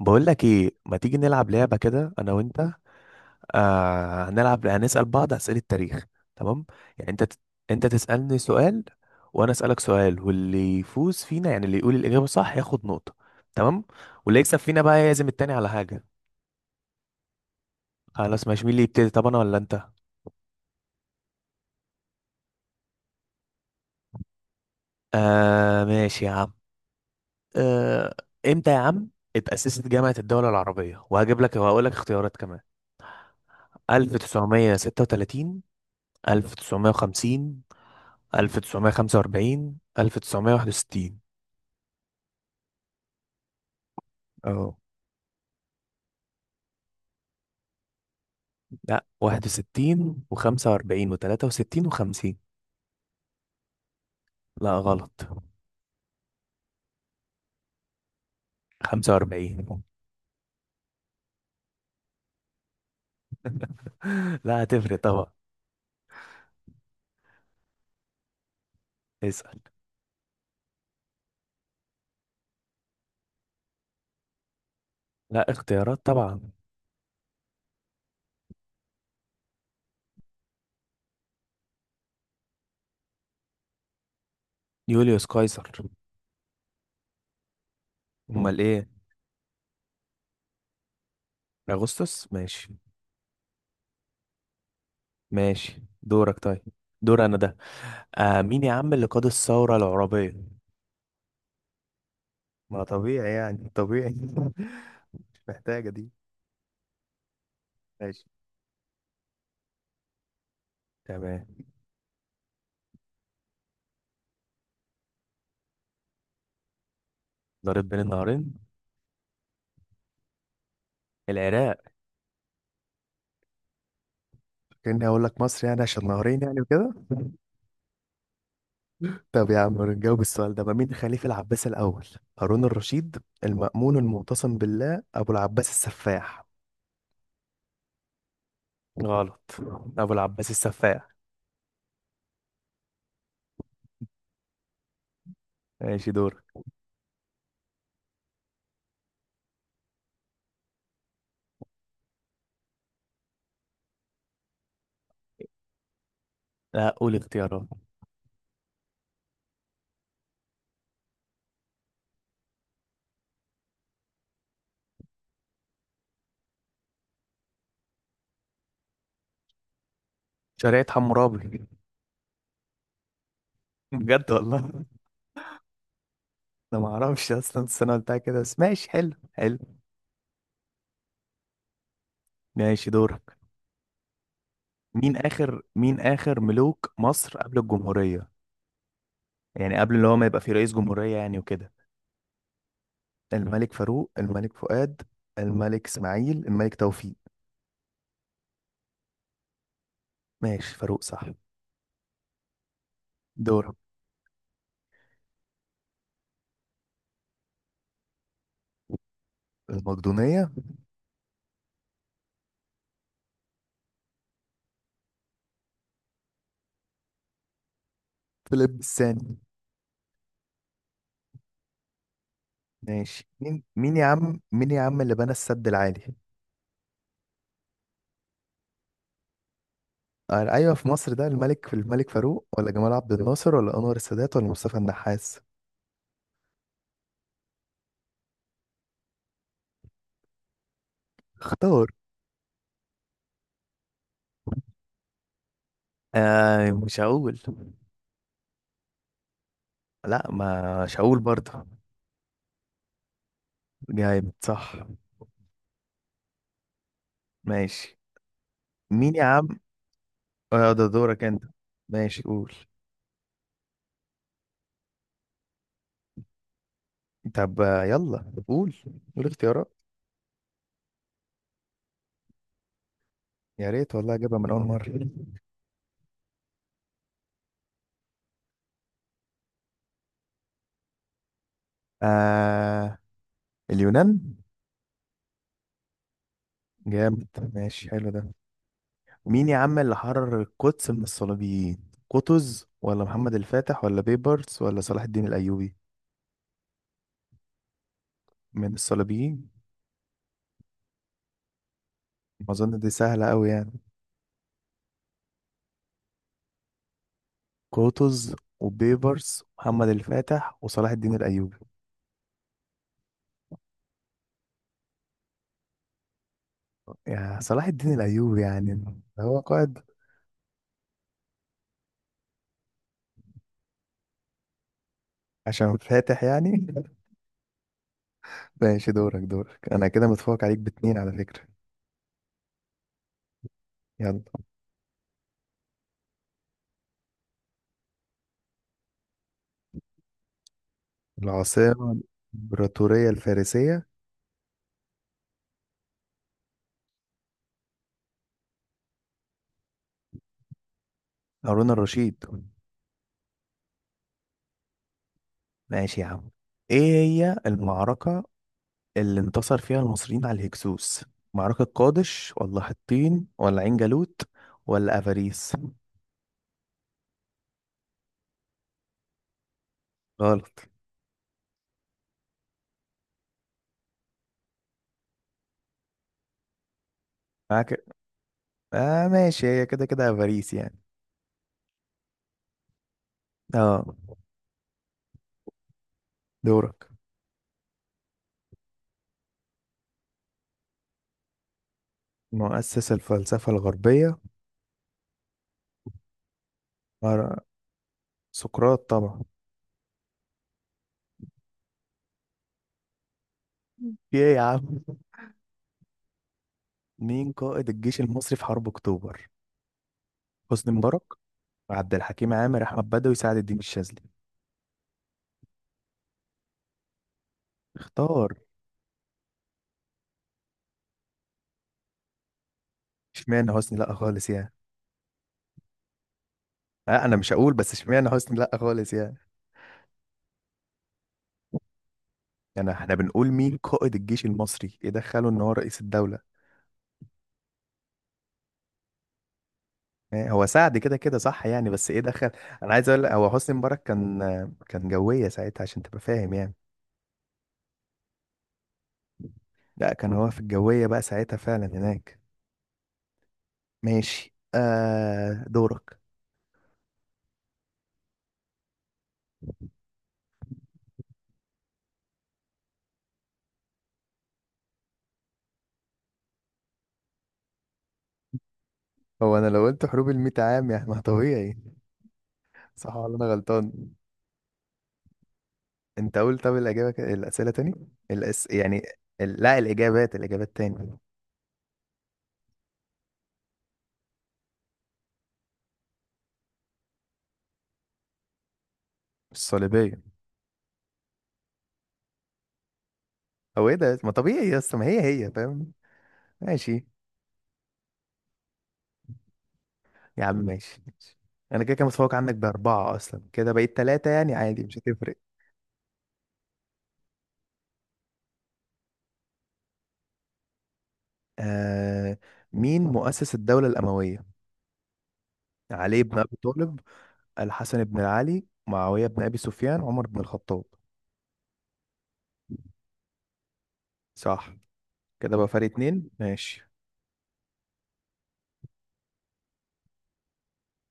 بقول لك ايه، ما تيجي نلعب لعبة كده انا وانت؟ آه هنلعب، هنسأل بعض أسئلة تاريخ. تمام. يعني انت تسألني سؤال، وانا أسألك سؤال، واللي يفوز فينا يعني اللي يقول الإجابة صح ياخد نقطة. تمام. واللي يكسب فينا بقى يعزم التاني على حاجة. خلاص ماشي، مين اللي يبتدي؟ طب انا ولا انت؟ آه ماشي يا عم. آه، امتى يا عم اتأسست جامعة الدول العربية؟ وهجيب لك وهقول لك اختيارات كمان. 1936، 1950، 1945، 1961. اه. لا، 61 و45 و63 و50. لا، غلط. 45. لا، هتفرق طبعا. اسأل. لا، اختيارات طبعا. يوليوس قيصر. امال ايه؟ اغسطس؟ ماشي. ماشي دورك. طيب دور انا ده. آه، مين يا عم اللي قاد الثورة العربية؟ ما طبيعي يعني، طبيعي. مش محتاجة دي. ماشي. تمام. ضرب بين النهرين. العراق. كأني أقول لك مصر يعني، عشان نهرين يعني وكده. طب يا عم نجاوب السؤال ده، ما مين خليفة العباس الأول؟ هارون الرشيد، المأمون، المعتصم بالله، أبو العباس السفاح. غلط، أبو العباس السفاح. ماشي دور. لا، قول اختيارات. شريعة حمورابي. بجد والله. أنا ما أعرفش أصلا السنة بتاع كده، بس ماشي، حلو حلو. ماشي دورك. مين آخر ملوك مصر قبل الجمهورية؟ يعني قبل اللي هو ما يبقى في رئيس جمهورية يعني وكده. الملك فاروق، الملك فؤاد، الملك اسماعيل، الملك توفيق. ماشي، فاروق صح. دور. المقدونية. فيليب الثاني. ماشي، مين يا عم اللي بنى السد العالي؟ آه، ايوه في مصر. ده الملك، الملك فاروق ولا جمال عبد الناصر ولا انور السادات ولا مصطفى النحاس؟ اختار. آه مش هقول. لا، ما مش هقول برضه. جامد صح. ماشي. مين يا عم؟ آه ده دورك انت. ماشي قول. طب يلا قول. قول اختيارات. يا ريت والله اجيبها من اول مره. آه، اليونان. جامد. ماشي حلو ده. مين يا عم اللي حرر القدس من الصليبيين؟ قطز ولا محمد الفاتح ولا بيبرس ولا صلاح الدين الايوبي؟ من الصليبيين. اظن دي سهله قوي يعني. قطز وبيبرس، محمد الفاتح وصلاح الدين الايوبي. يا صلاح الدين الايوبي يعني. هو قائد. عشان فاتح يعني. ماشي دورك. دورك. انا كده متفوق عليك باتنين على فكره. يلا. العاصمة الإمبراطورية الفارسية. هارون الرشيد. ماشي يا عم. ايه هي المعركة اللي انتصر فيها المصريين على الهكسوس؟ معركة قادش ولا حطين ولا عين جالوت ولا افاريس؟ غلط. معاك. اه ماشي، هي كده كده افاريس يعني. اه دورك. مؤسس الفلسفة الغربية. مر- سقراط طبعا. في ايه يا عم؟ مين قائد الجيش المصري في حرب اكتوبر؟ حسني مبارك، عبد الحكيم عامر، احمد بدوي، سعد الدين الشاذلي. اختار. اشمعنى حسني لا خالص يعني؟ لا انا مش هقول، بس اشمعنى حسني لا خالص يعني؟ يعني احنا بنقول مين قائد الجيش المصري، ايه دخله ان هو رئيس الدوله؟ إيه هو سعد، كده كده صح يعني، بس ايه دخل؟ انا عايز اقول لك هو حسني مبارك كان، كان جويه ساعتها عشان تبقى فاهم يعني. لا، كان هو في الجويه بقى ساعتها فعلا هناك. ماشي آه، دورك. هو انا لو قلت حروب الميت عام يعني، ما طبيعي؟ صح ولا انا غلطان؟ انت قول. طب الاجابه الاسئله تاني. يعني. لا الإجابات، الإجابات تاني. الصليبية. او ايه ده، ما طبيعي يا اسطى، ما هي هي فاهم. ماشي يا عم. ماشي ماشي. انا كده كده متفوق عنك باربعة، اصلا كده بقيت ثلاثة يعني، عادي مش هتفرق. آه، مين مؤسس الدولة الأموية؟ علي بن أبي طالب، الحسن بن علي، معاوية بن أبي سفيان، عمر بن الخطاب. صح. كده بقى فرق اتنين. ماشي.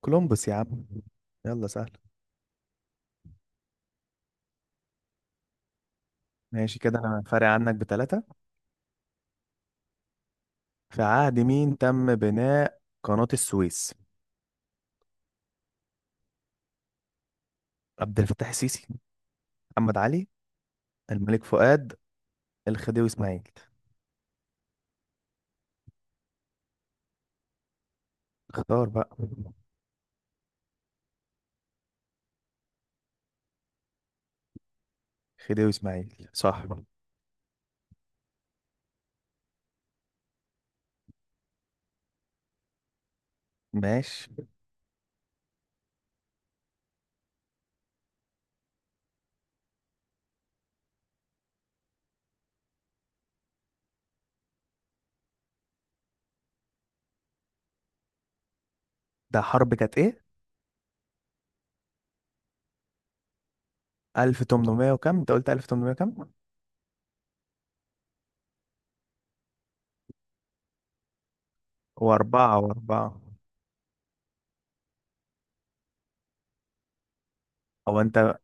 كولومبوس يا عم. يلا سهل. ماشي، كده انا فارق عنك بتلاتة. في عهد مين تم بناء قناة السويس؟ عبد الفتاح السيسي، محمد علي، الملك فؤاد، الخديوي اسماعيل. اختار بقى. خديوي اسماعيل صح. ماشي. ده حرب كانت ايه؟ 1800 وكم انت قلت؟ 1800 كم؟ واربعة، واربعة. هو انت،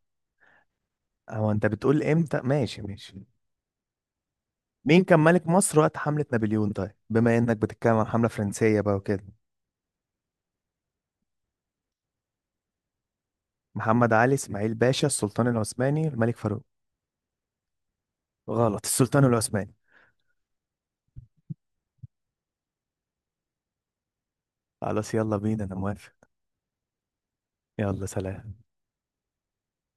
هو انت بتقول امتى؟ ماشي ماشي. مين كان ملك مصر وقت حملة نابليون؟ طيب بما انك بتتكلم عن حملة فرنسية بقى وكده. محمد علي، اسماعيل باشا، السلطان العثماني، الملك فاروق. غلط، السلطان العثماني. خلاص يلا بينا، انا موافق. يلا، سلام.